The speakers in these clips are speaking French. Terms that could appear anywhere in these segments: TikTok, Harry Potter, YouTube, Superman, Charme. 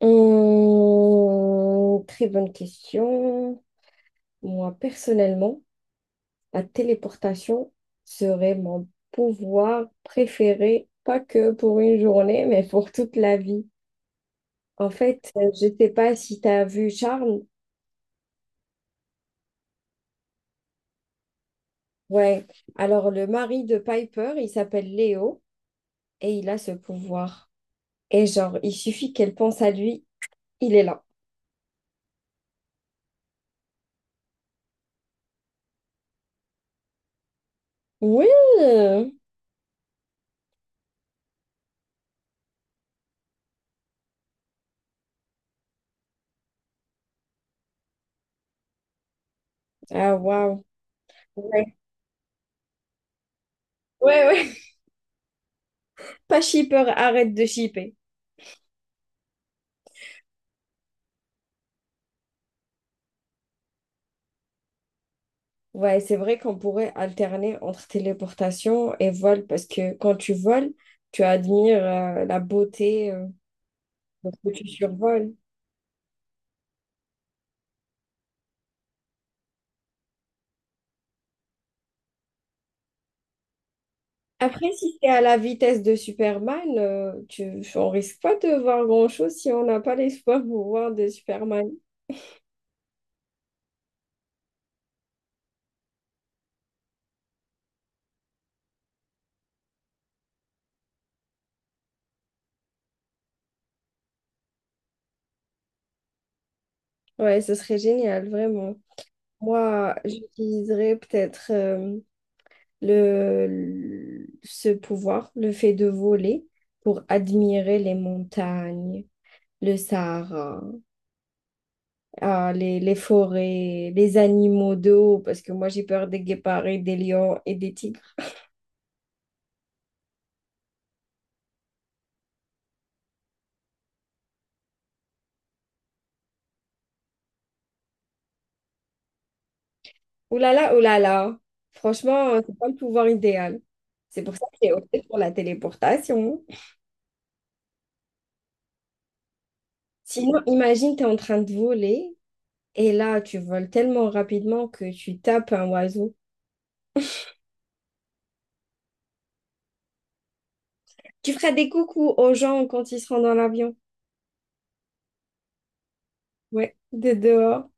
Très bonne question. Moi, personnellement, la téléportation serait mon pouvoir préféré, pas que pour une journée, mais pour toute la vie. En fait, je ne sais pas si tu as vu Charme. Ouais. Alors, le mari de Piper, il s'appelle Léo et il a ce pouvoir. Et genre, il suffit qu'elle pense à lui, il est là. Oui! Ah, waouh! Ouais, ouais, ouais. Pas shipper, arrête de shipper. Ouais, c'est vrai qu'on pourrait alterner entre téléportation et vol parce que quand tu voles, tu admires la beauté de ce que tu survoles. Après, si c'est à la vitesse de Superman, on risque pas de voir grand-chose si on n'a pas l'espoir de voir de Superman. Ouais, ce serait génial, vraiment. Moi, j'utiliserais peut-être ce pouvoir, le fait de voler, pour admirer les montagnes, le Sahara. Les forêts, les animaux d'eau, parce que moi j'ai peur des guépards et des lions et des tigres. Ouh là là, ouh là là. Franchement, c'est pas le pouvoir idéal. C'est pour ça que j'ai opté pour la téléportation. Sinon, imagine, tu es en train de voler et là, tu voles tellement rapidement que tu tapes un oiseau. Tu feras des coucous aux gens quand ils seront dans l'avion. Ouais, de dehors.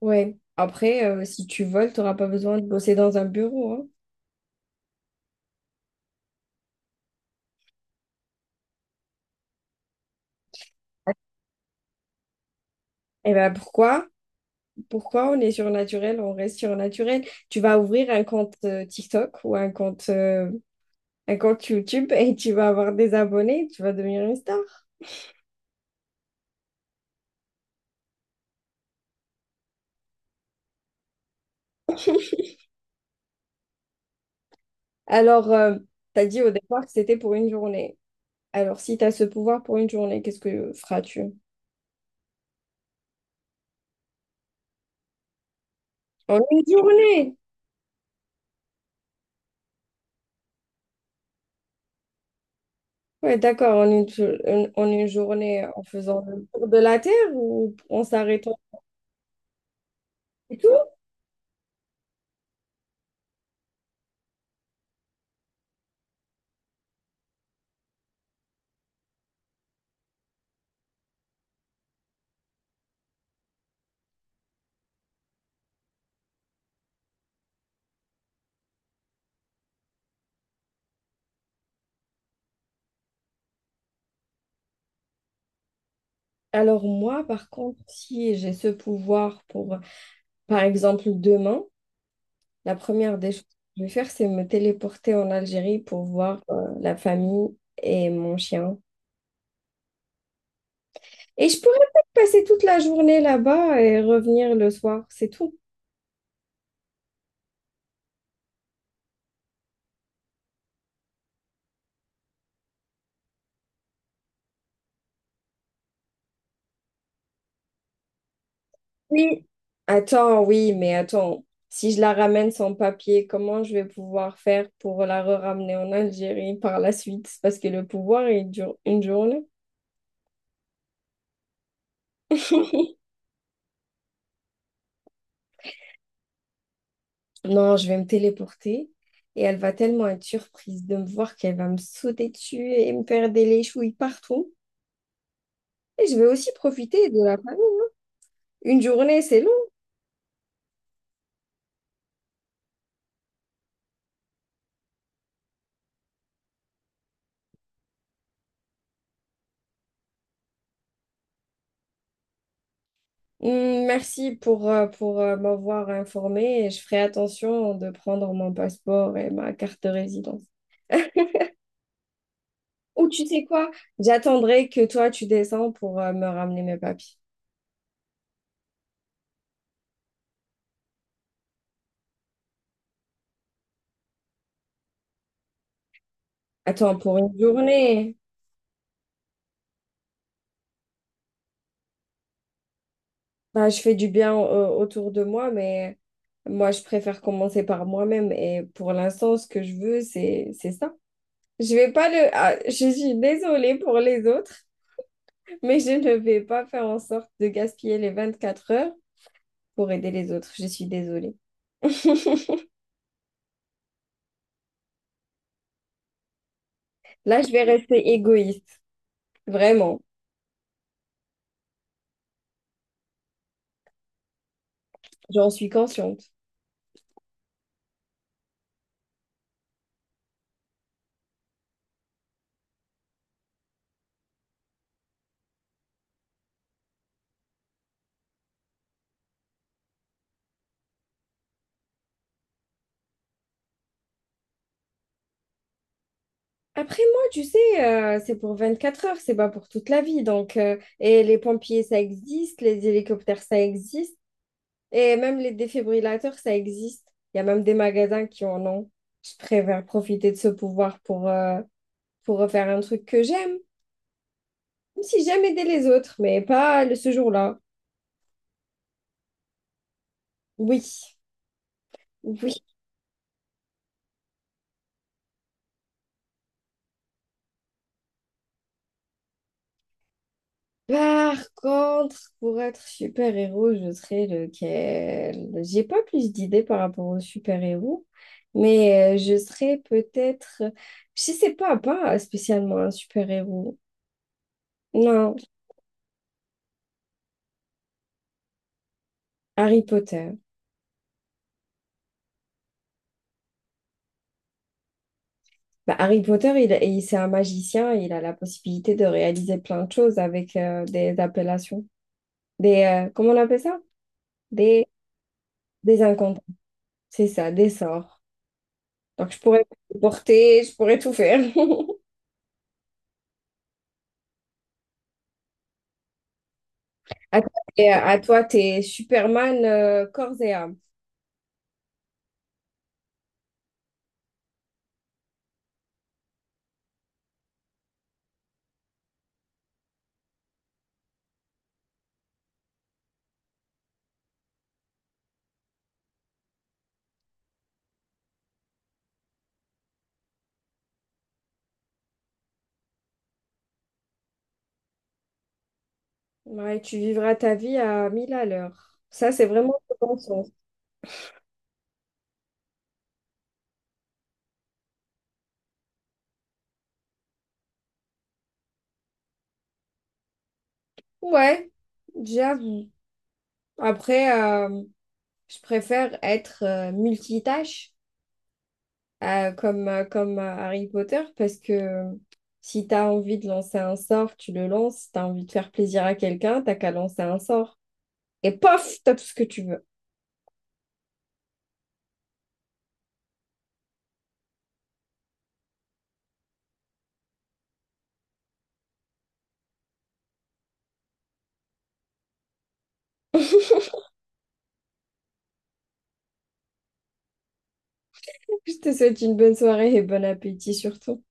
Ouais. Après, si tu voles, tu n'auras pas besoin de bosser dans un bureau, hein. Et ben pourquoi? Pourquoi on est surnaturel, on reste surnaturel. Tu vas ouvrir un compte TikTok ou un compte YouTube et tu vas avoir des abonnés, tu vas devenir une star. Alors, tu as dit au départ que c'était pour une journée. Alors, si tu as ce pouvoir pour une journée, qu'est-ce que feras-tu? En une journée! Ouais, d'accord, en une journée, en faisant le tour de la Terre ou en s'arrêtant et tout. Alors moi, par contre, si j'ai ce pouvoir pour, par exemple, demain, la première des choses que je vais faire, c'est me téléporter en Algérie pour voir la famille et mon chien. Et je pourrais peut-être passer toute la journée là-bas et revenir le soir, c'est tout. Oui. Attends, oui, mais attends, si je la ramène sans papier, comment je vais pouvoir faire pour la re-ramener en Algérie par la suite? Parce que le pouvoir, il dure une journée. Non, je vais me téléporter et elle va tellement être surprise de me voir qu'elle va me sauter dessus et me faire des léchouilles partout. Et je vais aussi profiter de la famille. Une journée, c'est long. Merci pour m'avoir informée et je ferai attention de prendre mon passeport et ma carte de résidence. Ou tu sais quoi? J'attendrai que toi tu descends pour me ramener mes papiers. Attends, pour une journée, bah, je fais du bien autour de moi, mais moi, je préfère commencer par moi-même. Et pour l'instant, ce que je veux, c'est ça. Je vais pas le... ah, je suis désolée pour les autres, mais je ne vais pas faire en sorte de gaspiller les 24 heures pour aider les autres. Je suis désolée. Là, je vais rester égoïste, vraiment. J'en suis consciente. Après, moi, tu sais, c'est pour 24 heures, c'est pas pour toute la vie. Donc, et les pompiers, ça existe, les hélicoptères, ça existe, et même les défibrillateurs, ça existe. Il y a même des magasins qui en ont. Je préfère profiter de ce pouvoir pour faire un truc que j'aime. Même si j'aime aider les autres, mais pas le- ce jour-là. Oui, oui. Par contre, pour être super-héros, je serais lequel? J'ai pas plus d'idées par rapport aux super-héros, mais je serais peut-être, je sais pas, pas spécialement un super-héros. Non, Harry Potter. Bah, Harry Potter, c'est un magicien, il a la possibilité de réaliser plein de choses avec des appellations, comment on appelle ça? Des, des incantations. C'est ça, des sorts. Donc je pourrais porter, je pourrais tout faire. À toi, t'es Superman corps et âme. Ouais, tu vivras ta vie à 1000 à l'heure. Ça, c'est vraiment le bon sens. Ouais, j'avoue. Après, je préfère être multitâche comme Harry Potter parce que si tu as envie de lancer un sort, tu le lances. Si tu as envie de faire plaisir à quelqu'un, t'as qu'à lancer un sort. Et pof, t'as tout ce que tu veux. Je te souhaite une bonne soirée et bon appétit surtout.